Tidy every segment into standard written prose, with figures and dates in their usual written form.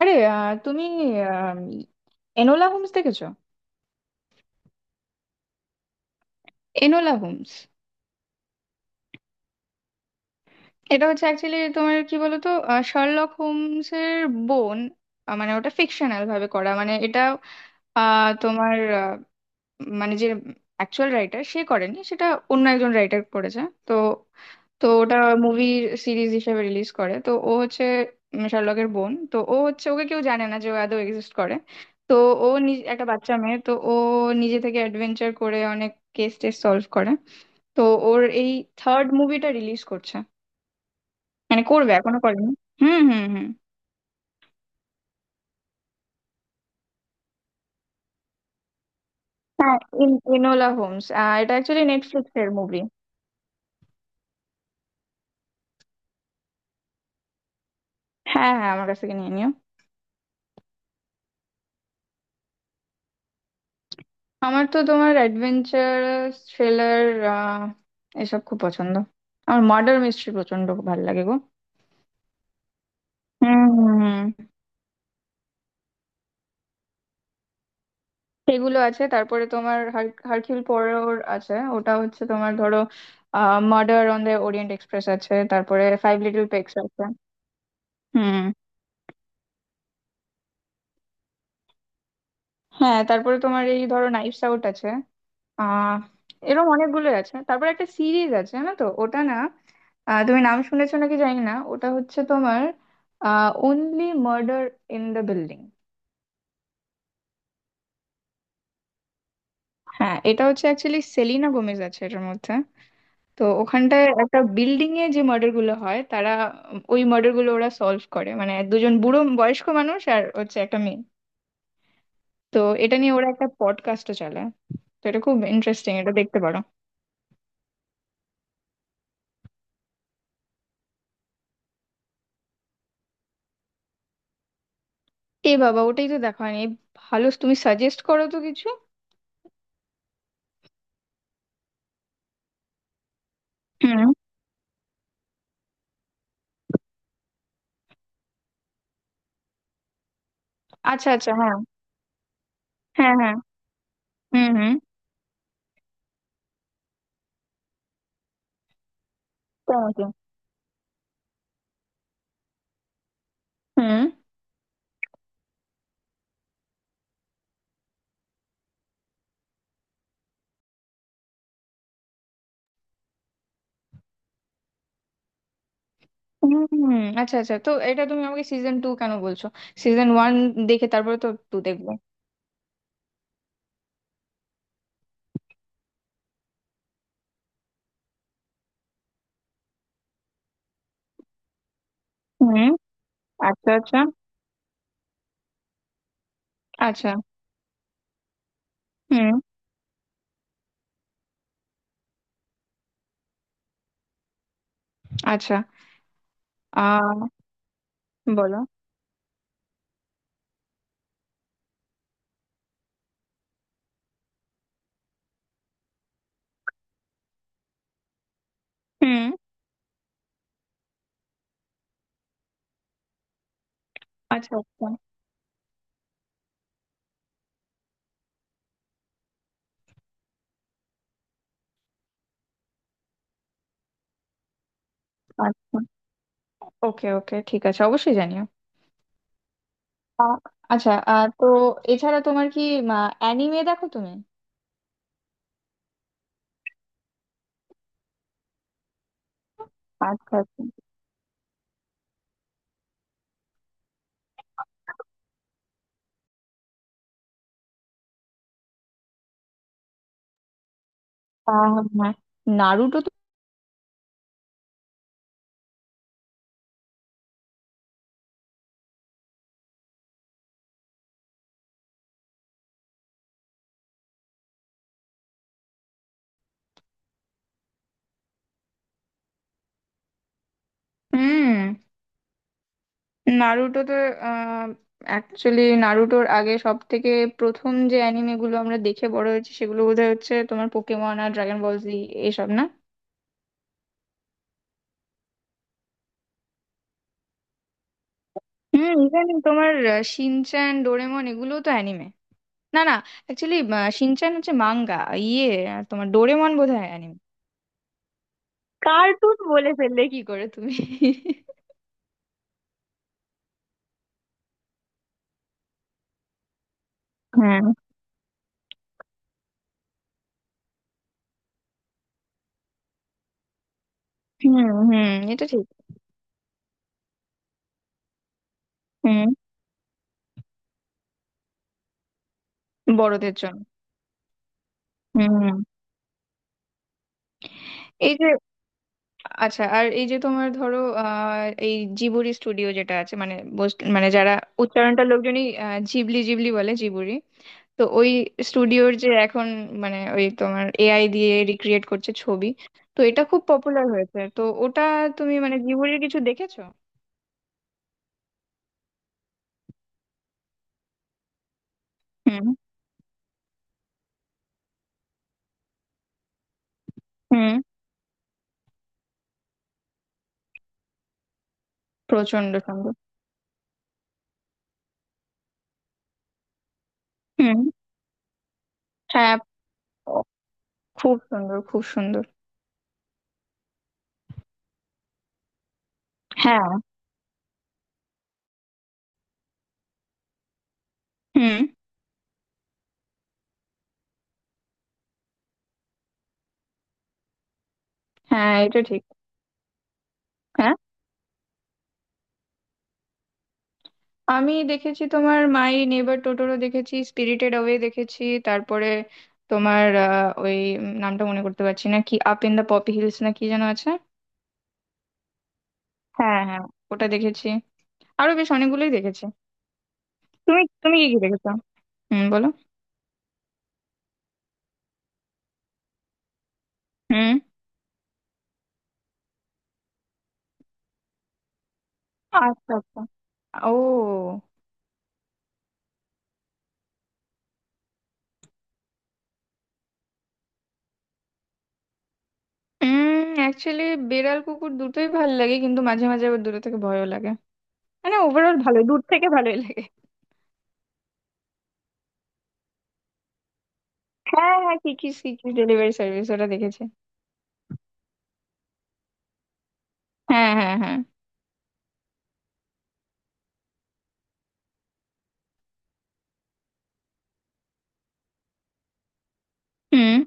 আরে তুমি আম, এনোলা হোমস দেখেছো? এনোলা হোমস এটা হচ্ছে অ্যাকচুয়ালি তোমার কি বলতো শার্লক হোমস এর বোন। মানে ওটা ফিকশনাল ভাবে করা, মানে এটা আহ, তোমার মানে যে অ্যাকচুয়াল রাইটার সে করেনি সেটা, অন্য একজন রাইটার করেছে। তো তো ওটা মুভি সিরিজ হিসেবে রিলিজ করে। তো ও হচ্ছে শার্লকের বোন, তো ও হচ্ছে ওকে কেউ জানে না যে ও আদৌ এক্সিস্ট করে। তো ও নিজ একটা বাচ্চা মেয়ে, তো ও নিজে থেকে অ্যাডভেঞ্চার করে, অনেক কেস টেস সলভ করে। তো ওর এই থার্ড মুভিটা রিলিজ করছে, মানে করবে, এখনো করেনি। হুম হুম হুম. হ্যাঁ, ইনোলা হোমস, এটা অ্যাকচুয়ালি নেটফ্লিক্স এর মুভি। হ্যাঁ হ্যাঁ, আমার কাছ থেকে নিয়ে নিও। আমার তো তোমার অ্যাডভেঞ্চার, থ্রিলার, এসব খুব পছন্দ। আমার মার্ডার মিস্ট্রি প্রচন্ড ভালো লাগে গো। হুম হুম হুম। সেগুলো আছে, তারপরে তোমার হারকিউল পোয়ারোর আছে। ওটা হচ্ছে তোমার, ধরো, murder on the Orient Express আছে, তারপরে ফাইভ লিটল পিগস আছে। হুম। হ্যাঁ, তারপরে তোমার এই, ধরো, নাইভস আউট আছে। আহ, এরকম অনেকগুলো আছে। তারপর একটা সিরিজ আছে জানো তো, ওটা না, তুমি নাম শুনেছো নাকি জানি না, ওটা হচ্ছে তোমার only murder in the building. হ্যাঁ, এটা হচ্ছে অ্যাকচুয়ালি, সেলিনা গোমেজ আছে এটার মধ্যে। তো ওখানটায় একটা বিল্ডিং এ যে মার্ডার গুলো হয়, তারা ওই মার্ডার গুলো ওরা সলভ করে, মানে দুজন বুড়ো বয়স্ক মানুষ আর হচ্ছে একটা মেয়ে। তো এটা নিয়ে ওরা একটা পডকাস্টও চালায়। তো এটা খুব ইন্টারেস্টিং, এটা দেখতে পারো। এ বাবা, ওটাই তো দেখা হয়নি। ভালো, তুমি সাজেস্ট করো তো কিছু। আচ্ছা আচ্ছা। হ্যাঁ হ্যাঁ হ্যাঁ। হুম হুম। তাই নাকি? হুম হুম হুম, আচ্ছা আচ্ছা, তো এটা তুমি আমাকে সিজন টু কেন বলছো? সিজন ওয়ান দেখে তারপরে তো টু দেখবো। হুম। আচ্ছা আচ্ছা। আচ্ছা। হুম। আচ্ছা। আহ বলো। হুম। আচ্ছা আচ্ছা। আচ্ছা, ওকে ওকে ঠিক আছে, অবশ্যই জানিও। আহ, আচ্ছা, তো এছাড়া তোমার কি অ্যানিমে দেখো তুমি? আচ্ছা আচ্ছা। আহ, হ্যাঁ, নারুটো তো। হুম। নারুটোতে অ্যাকচুয়ালি, নারুটোর আগে সব থেকে প্রথম যে অ্যানিমে গুলো আমরা দেখে বড় হয়েছি, সেগুলো বোধহয় হচ্ছে তোমার পোকেমন আর ড্রাগন বল জি এসব না। হুম, ইভেন তোমার শিনচ্যান, ডোরেমন এগুলো তো অ্যানিমে, না না, অ্যাকচুয়ালি শিনচ্যান হচ্ছে মাঙ্গা, ইয়ে, তোমার ডোরেমন বোধহয় অ্যানিমে। কার্টুন বলে ফেললে কি করে তুমি! হ্যাঁ। হুম হুম, এটা ঠিক। হুম। বড়দের জন্য। হুম। এই যে, আচ্ছা, আর এই যে তোমার, ধরো, এই জিবুরি স্টুডিও যেটা আছে, মানে মানে যারা উচ্চারণটা লোকজনই জিবলি জিবলি বলে, জিবুরি। তো ওই স্টুডিওর যে এখন, মানে ওই তোমার এআই দিয়ে রিক্রিয়েট করছে ছবি। তো এটা খুব পপুলার হয়েছে, তো ওটা তুমি মানে জিবুরির কিছু দেখেছো? হুম হুম। প্রচন্ড সুন্দর। হুম। হ্যাঁ। ও, খুব সুন্দর খুব সুন্দর। হ্যাঁ। হুম। হ্যাঁ এটা ঠিক। আমি দেখেছি তোমার মাই নেবার টোটোরো দেখেছি, স্পিরিটেড অ্যাওয়ে দেখেছি, তারপরে তোমার ওই নামটা মনে করতে পারছি না, কি up in the Poppy Hills না কি যেন আছে। হ্যাঁ হ্যাঁ, ওটা দেখেছি। আরো বেশ অনেকগুলোই দেখেছি। তুমি তুমি কি কি দেখেছো? হুম বলো। হুম। আচ্ছা আচ্ছা। ও। হুম। অ্যাকচুয়ালি বেড়াল কুকুর দুটোই ভালো লাগে, কিন্তু মাঝে মাঝে আবার দূরে থেকে ভয়ও লাগে। মানে ওভারঅল ভালো, দূর থেকে ভালোই লাগে। হ্যাঁ হ্যাঁ, কি কি ডেলিভারি সার্ভিস, ওটা দেখেছি। হ্যাঁ হ্যাঁ হ্যাঁ। হুম।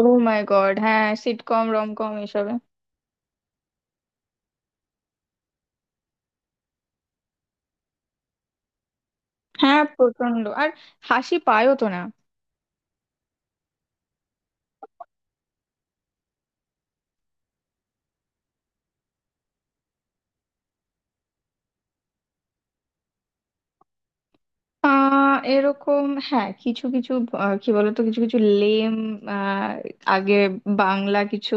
ও মাই গড, হ্যাঁ সিটকম রমকম এসবে। হ্যাঁ প্রচন্ড, আর হাসি পায়ও তো না। এরকম হ্যাঁ কিছু কিছু, কি বলতো, কিছু কিছু লেম, আগে বাংলা কিছু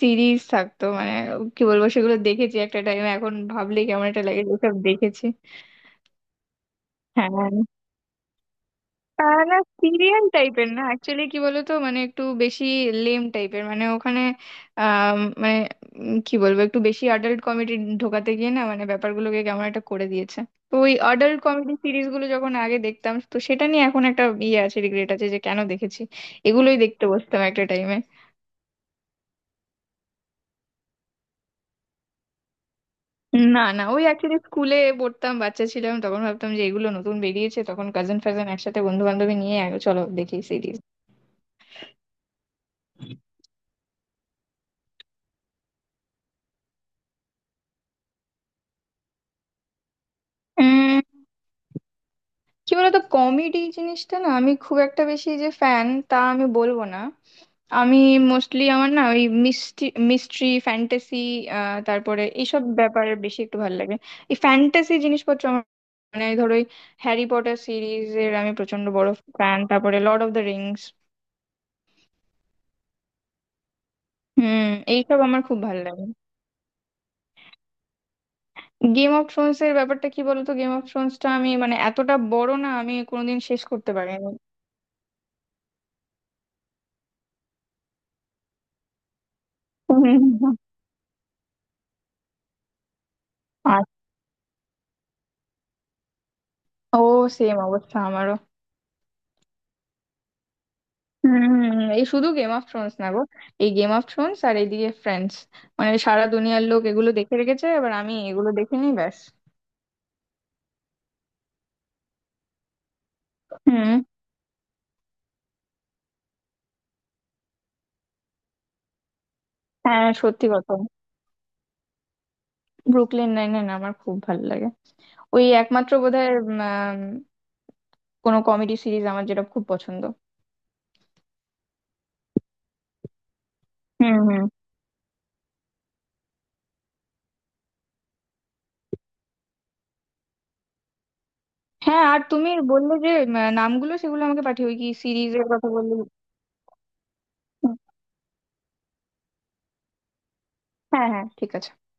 সিরিজ থাকতো, মানে কি বলবো, সেগুলো দেখেছি একটা টাইমে, এখন ভাবলে কেমন একটা লাগে ওসব দেখেছি। হ্যাঁ। না, সিরিয়াল টাইপের না, অ্যাকচুয়ালি কি বলতো, মানে একটু বেশি লেম টাইপের, মানে ওখানে মানে কি বলবো, একটু বেশি অ্যাডাল্ট কমেডি ঢোকাতে গিয়ে না, মানে ব্যাপারগুলোকে কেমন একটা করে দিয়েছে। তো ওই অ্যাডাল্ট কমেডি সিরিজগুলো যখন আগে দেখতাম, তো সেটা নিয়ে এখন একটা ইয়ে আছে, রিগ্রেট আছে যে কেন দেখেছি, এগুলোই দেখতে বসতাম একটা টাইমে। না না, ওই অ্যাকচুয়ালি স্কুলে পড়তাম, বাচ্চা ছিলাম, তখন ভাবতাম যে এগুলো নতুন বেরিয়েছে তখন, কাজিন ফাজান একসাথে বন্ধু বান্ধবী নিয়ে আগে চলো দেখি। সিরিজ, কি বলতো, কমেডি জিনিসটা না আমি খুব একটা বেশি যে ফ্যান তা আমি বলবো না। আমি মোস্টলি আমার না ওই মিস্ট্রি, মিস্ট্রি ফ্যান্টাসি, তারপরে এইসব ব্যাপারে বেশি একটু ভালো লাগে। এই ফ্যান্টাসি জিনিসপত্র আমার, মানে ধরো ওই হ্যারি পটার সিরিজের আমি প্রচন্ড বড় ফ্যান, তারপরে লর্ড অফ দ্য রিংস। হুম। এইসব আমার খুব ভালো লাগে। গেম অফ থ্রোনস এর ব্যাপারটা কি বলতো, গেম অফ থ্রোনসটা আমি মানে এতটা বড় না, আমি কোনোদিন শেষ করতে পারিনি। হুম। আর, ও, সেম অবস্থা আমারও। হম হম, এই শুধু গেম অফ থ্রোনস না গো, এই গেম অফ থ্রোনস আর এইদিকে ফ্রেন্ডস, মানে সারা দুনিয়ার লোক এগুলো দেখে রেখেছে, এবার আমি এগুলো দেখিনি ব্যাস। হুম। হ্যাঁ সত্যি কথা, ব্রুকলিন নাইন নাইন আমার খুব ভালো লাগে। ওই একমাত্র বোধহয় কোনো কমেডি সিরিজ আমার যেটা খুব পছন্দ। হুম হুম। হ্যাঁ, আর তুমি বললে যে নামগুলো, সেগুলো আমাকে পাঠিয়ে, ওই কি সিরিজের কথা বললে। হুম, হ্যাঁ হ্যাঁ ঠিক আছে.